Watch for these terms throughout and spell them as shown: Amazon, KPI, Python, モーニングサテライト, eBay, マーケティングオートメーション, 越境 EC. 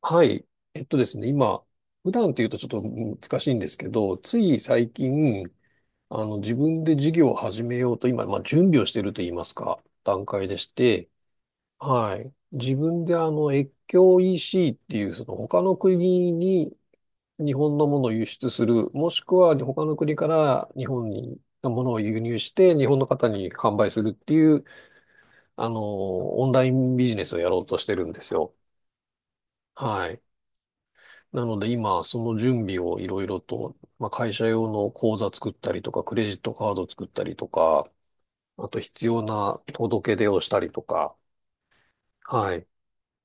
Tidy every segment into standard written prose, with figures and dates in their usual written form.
はい。えっとですね、今、普段というとちょっと難しいんですけど、つい最近、自分で事業を始めようと、今、まあ、準備をしていると言いますか、段階でして、はい。自分で越境 EC っていう、その他の国に日本のものを輸出する、もしくは他の国から日本にものを輸入して、日本の方に販売するっていう、あの、オンラインビジネスをやろうとしてるんですよ。はい。なので今、その準備をいろいろと、まあ、会社用の口座作ったりとか、クレジットカード作ったりとか、あと必要な届け出をしたりとか、はい。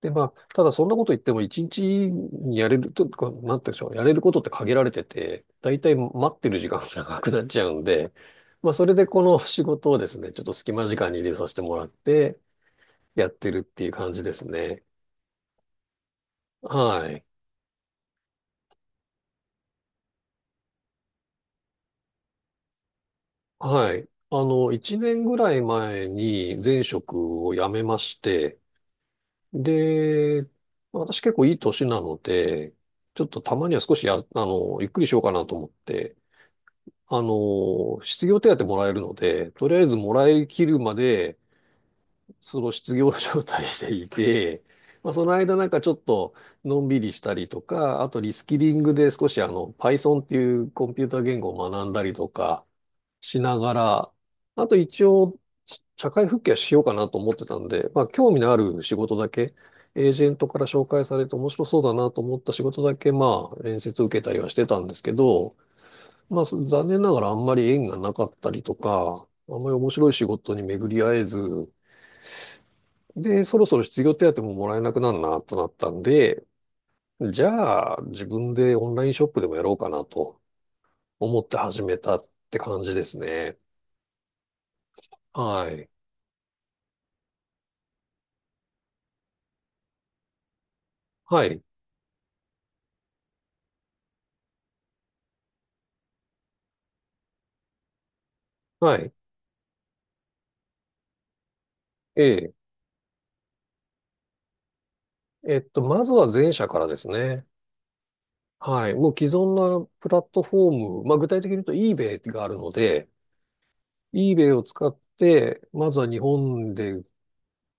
で、まあ、ただそんなこと言っても一日にやれる、とか、なんて言うんでしょう、やれることって限られてて、だいたい待ってる時間が長くなっちゃうんで、まあ、それでこの仕事をですね、ちょっと隙間時間に入れさせてもらって、やってるっていう感じですね。はい。はい。一年ぐらい前に前職を辞めまして、で、私結構いい年なので、ちょっとたまには少しや、あの、ゆっくりしようかなと思って、失業手当もらえるので、とりあえずもらいきるまで、その失業状態でいて、まあ、その間なんかちょっとのんびりしたりとか、あとリスキリングで少しPython っていうコンピューター言語を学んだりとか、しながら、あと一応、社会復帰はしようかなと思ってたんで、まあ、興味のある仕事だけ、エージェントから紹介されて面白そうだなと思った仕事だけ、まあ、面接受けたりはしてたんですけど、まあ、残念ながらあんまり縁がなかったりとか、あんまり面白い仕事に巡り合えず、で、そろそろ失業手当ももらえなくなるなとなったんで、じゃあ、自分でオンラインショップでもやろうかなと思って始めたって感じですね。はい。はい。はい。ええ。えっと、まずは前者からですね。はい。もう既存なプラットフォーム、まあ具体的に言うと eBay があるので、eBay を使って、まずは日本で、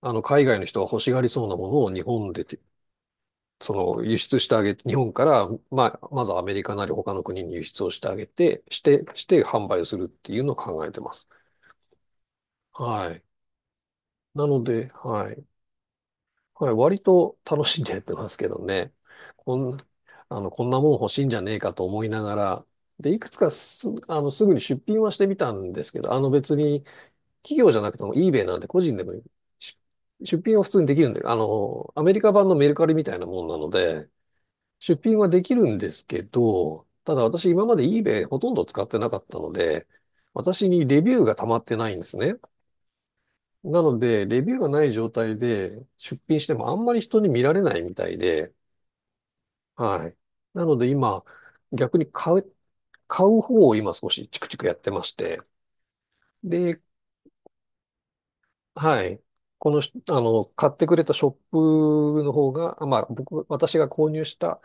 あの、海外の人が欲しがりそうなものを日本でて、その、輸出してあげて、日本から、まあ、まずはアメリカなり他の国に輸出をしてあげて、して販売をするっていうのを考えてます。はい。なので、はい。はい、割と楽しんでやってますけどね。こん、こんなもん欲しいんじゃねえかと思いながら、で、いくつかす、あの、すぐに出品はしてみたんですけど、あの別に企業じゃなくても eBay なんで個人でもし出品は普通にできるんで、あの、アメリカ版のメルカリみたいなもんなので、出品はできるんですけど、ただ私今まで eBay ほとんど使ってなかったので、私にレビューが溜まってないんですね。なので、レビューがない状態で出品してもあんまり人に見られないみたいで、はい。なので今、逆に買う、買う方を今少しチクチクやってまして、で、はい。このし、あの、買ってくれたショップの方が、まあ、私が購入した、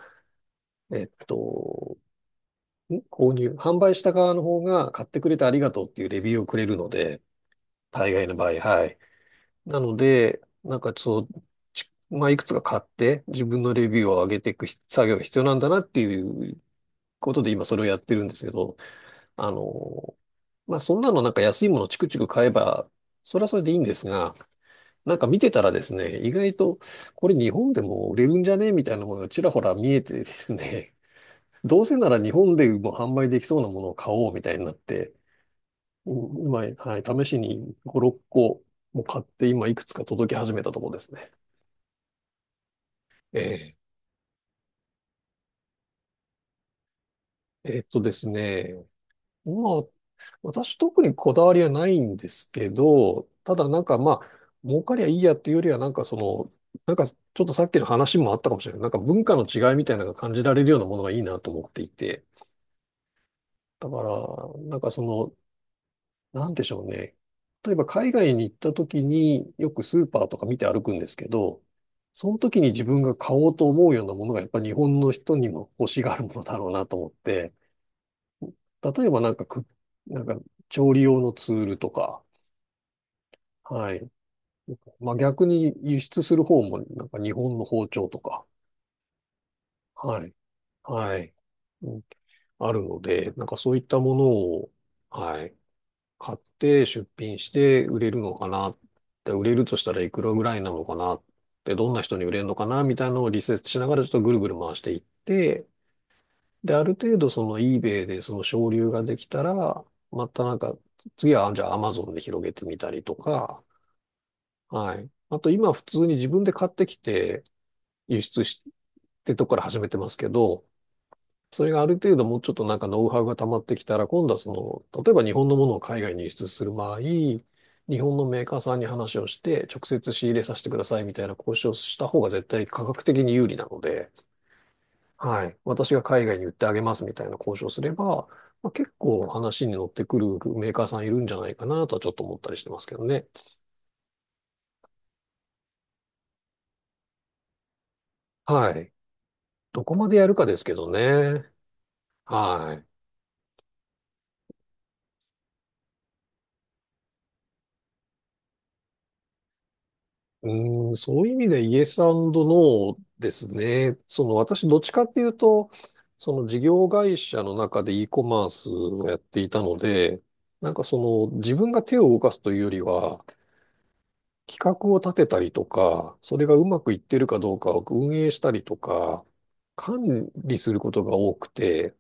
えっと、ん購入、販売した側の方が買ってくれてありがとうっていうレビューをくれるので、大概の場合、はい。なので、なんかそう、まあ、いくつか買って自分のレビューを上げていく作業が必要なんだなっていうことで今それをやってるんですけど、あの、まあ、そんなのなんか安いものチクチク買えば、それはそれでいいんですが、なんか見てたらですね、意外とこれ日本でも売れるんじゃねみたいなものがちらほら見えてですね、どうせなら日本でも販売できそうなものを買おうみたいになって、うん今、はい、試しに5、6個も買って今いくつか届き始めたところですね。ええ、えっとですね。まあ、私特にこだわりはないんですけど、ただなんかまあ、儲かりゃいいやっていうよりはなんかその、なんかちょっとさっきの話もあったかもしれない。なんか文化の違いみたいなのが感じられるようなものがいいなと思っていて。だから、なんかその、なんでしょうね。例えば海外に行った時によくスーパーとか見て歩くんですけど、その時に自分が買おうと思うようなものがやっぱ日本の人にも欲しがるものだろうなと思って、例えばなんかく、なんか調理用のツールとか、はい。まあ逆に輸出する方もなんか日本の包丁とか、はい。はい。うんあるので、なんかそういったものを、はい。買って出品して売れるのかな。で、売れるとしたらいくらぐらいなのかな。で、どんな人に売れるのかなみたいなのをリセーチしながらちょっとぐるぐる回していって、で、ある程度その eBay でその省流ができたら、またなんか、次はじゃあ Amazon で広げてみたりとか、はい。あと今普通に自分で買ってきて輸出してとこから始めてますけど、それがある程度もうちょっとなんかノウハウが溜まってきたら、今度はその、例えば日本のものを海外に輸出する場合、日本のメーカーさんに話をして、直接仕入れさせてくださいみたいな交渉をした方が絶対価格的に有利なので、はい。私が海外に売ってあげますみたいな交渉すれば、まあ、結構話に乗ってくるメーカーさんいるんじゃないかなとはちょっと思ったりしてますけどね。はい。どこまでやるかですけどね。はい。うーん、そういう意味でイエスノーですね。私どっちかっていうと、その事業会社の中で e コマースをやっていたので、なんかその自分が手を動かすというよりは、企画を立てたりとか、それがうまくいってるかどうかを運営したりとか、管理することが多くて、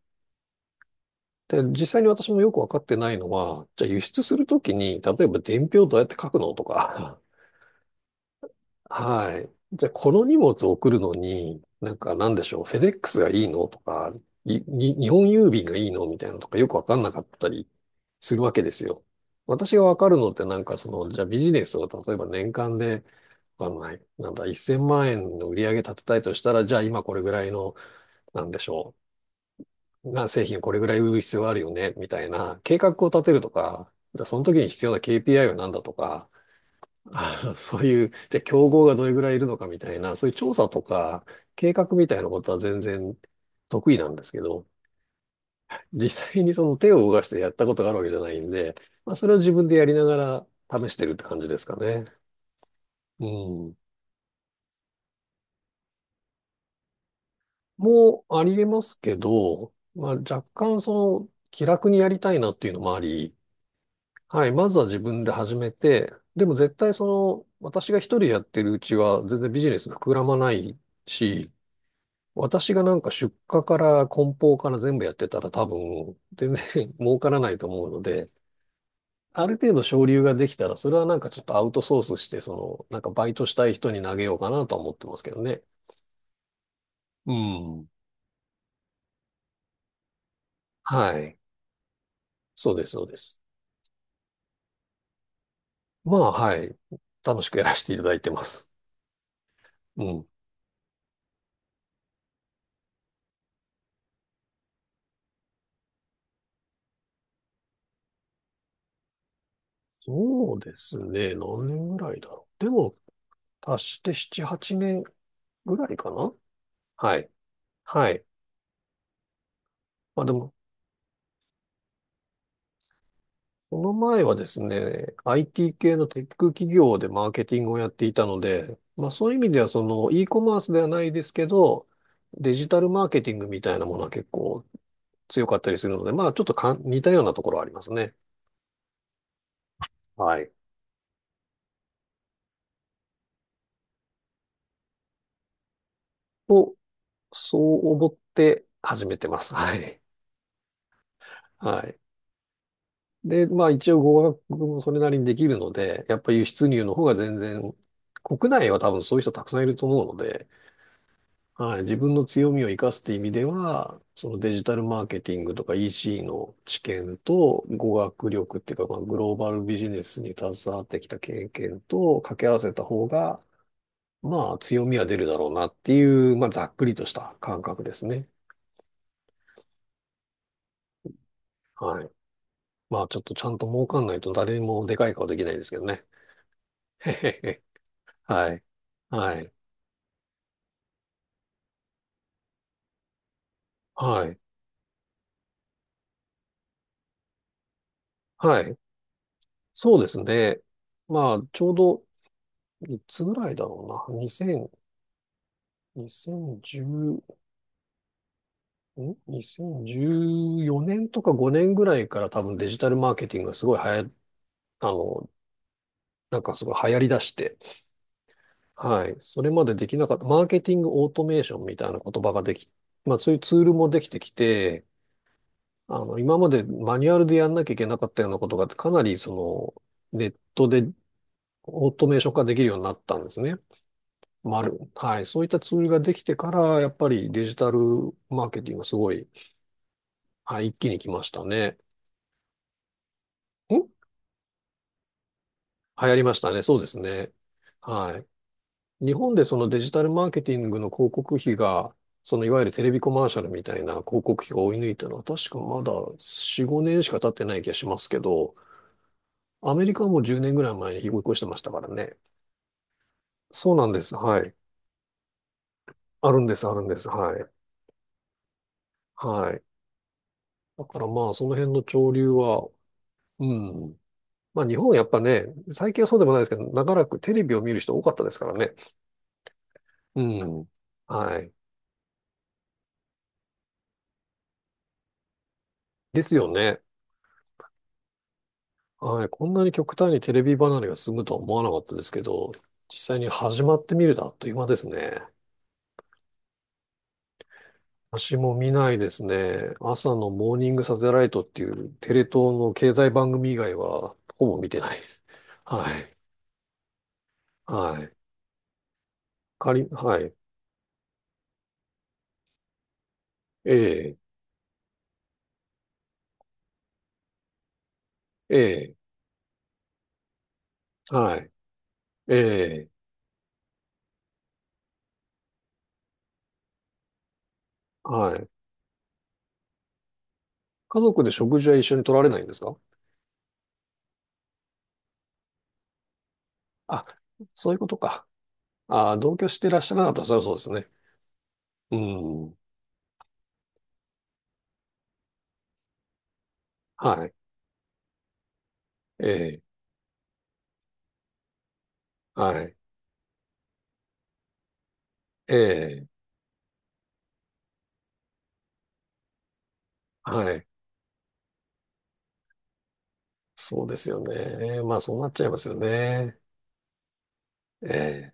で、実際に私もよくわかってないのは、じゃあ輸出するときに、例えば伝票どうやって書くのとか、はい。じゃあ、この荷物を送るのに、なんかなんでしょう、フェデックスがいいのとか、日本郵便がいいのみたいなのとかよくわかんなかったりするわけですよ。私がわかるのってじゃあビジネスを例えば年間で、わかんない、なんだ、1000万円の売り上げ立てたいとしたら、じゃあ今これぐらいの、なんでしょう、な製品をこれぐらい売る必要があるよね、みたいな計画を立てるとか、じゃあその時に必要な KPI は何だとか、そういう、じゃあ競合がどれぐらいいるのかみたいな、そういう調査とか計画みたいなことは全然得意なんですけど、実際にその手を動かしてやったことがあるわけじゃないんで、まあ、それを自分でやりながら試してるって感じですかね。うん。もうありえますけど、まあ、若干気楽にやりたいなっていうのもあり、はい、まずは自分で始めて、でも絶対私が一人やってるうちは全然ビジネス膨らまないし、私がなんか出荷から梱包から全部やってたら多分全然 儲からないと思うので、ある程度省流ができたら、それはなんかちょっとアウトソースして、なんかバイトしたい人に投げようかなとは思ってますけどね。うん。はい。そうです、そうです。まあ、はい。楽しくやらせていただいてます。うん。そうですね。何年ぐらいだろう。でも、足して7、8年ぐらいかな。はい。はい。まあでも、この前はですね、IT 系のテック企業でマーケティングをやっていたので、まあそういう意味ではその e コマースではないですけど、デジタルマーケティングみたいなものは結構強かったりするので、まあちょっと似たようなところはありますね。はい。と、そう思って始めてます。はい。はい。で、まあ一応語学もそれなりにできるので、やっぱ輸出入の方が全然、国内は多分そういう人たくさんいると思うので、はい、自分の強みを生かすって意味では、そのデジタルマーケティングとか EC の知見と語学力っていうか、まあ、グローバルビジネスに携わってきた経験と掛け合わせた方が、まあ強みは出るだろうなっていう、まあざっくりとした感覚ですね。はい。まあちょっとちゃんと儲かんないと誰にもでかい顔できないですけどね。へへへ。はい。はい。はい。はい。そうですね。まあちょうどいつぐらいだろうな。2 0 1ん ?2014 年とか5年ぐらいから多分デジタルマーケティングがすごい流行、あの、なんかすごい流行り出して、はい。それまでできなかった、マーケティングオートメーションみたいな言葉ができ、まあそういうツールもできてきて、今までマニュアルでやんなきゃいけなかったようなことが、かなりネットでオートメーション化できるようになったんですね。まる。はい。そういったツールができてから、やっぱりデジタルマーケティングがすごい、はい、一気に来ましたね。ん流行りましたね。そうですね。はい。日本でそのデジタルマーケティングの広告費が、そのいわゆるテレビコマーシャルみたいな広告費が追い抜いたのは確かまだ4、5年しか経ってない気がしますけど、アメリカはもう10年ぐらい前に追い越してましたからね。そうなんです。はい。あるんです、あるんです。はい。はい。だからまあ、その辺の潮流は、うん。まあ、日本はやっぱね、最近はそうでもないですけど、長らくテレビを見る人多かったですからね。うん。はい。ですよね。はい、こんなに極端にテレビ離れが進むとは思わなかったですけど、実際に始まってみるとあっという間ですね。私も見ないですね。朝のモーニングサテライトっていうテレ東の経済番組以外はほぼ見てないです。はい。はい。かり、はい。ええ、ええ、はい。ええ、はい。家族で食事は一緒に取られないんですか？あ、そういうことか。あ、同居していらっしゃらなかったらそれはそうですね。うん。はい。ええ、はい。ええ、はい。そうですよね。まあ、そうなっちゃいますよね。ええ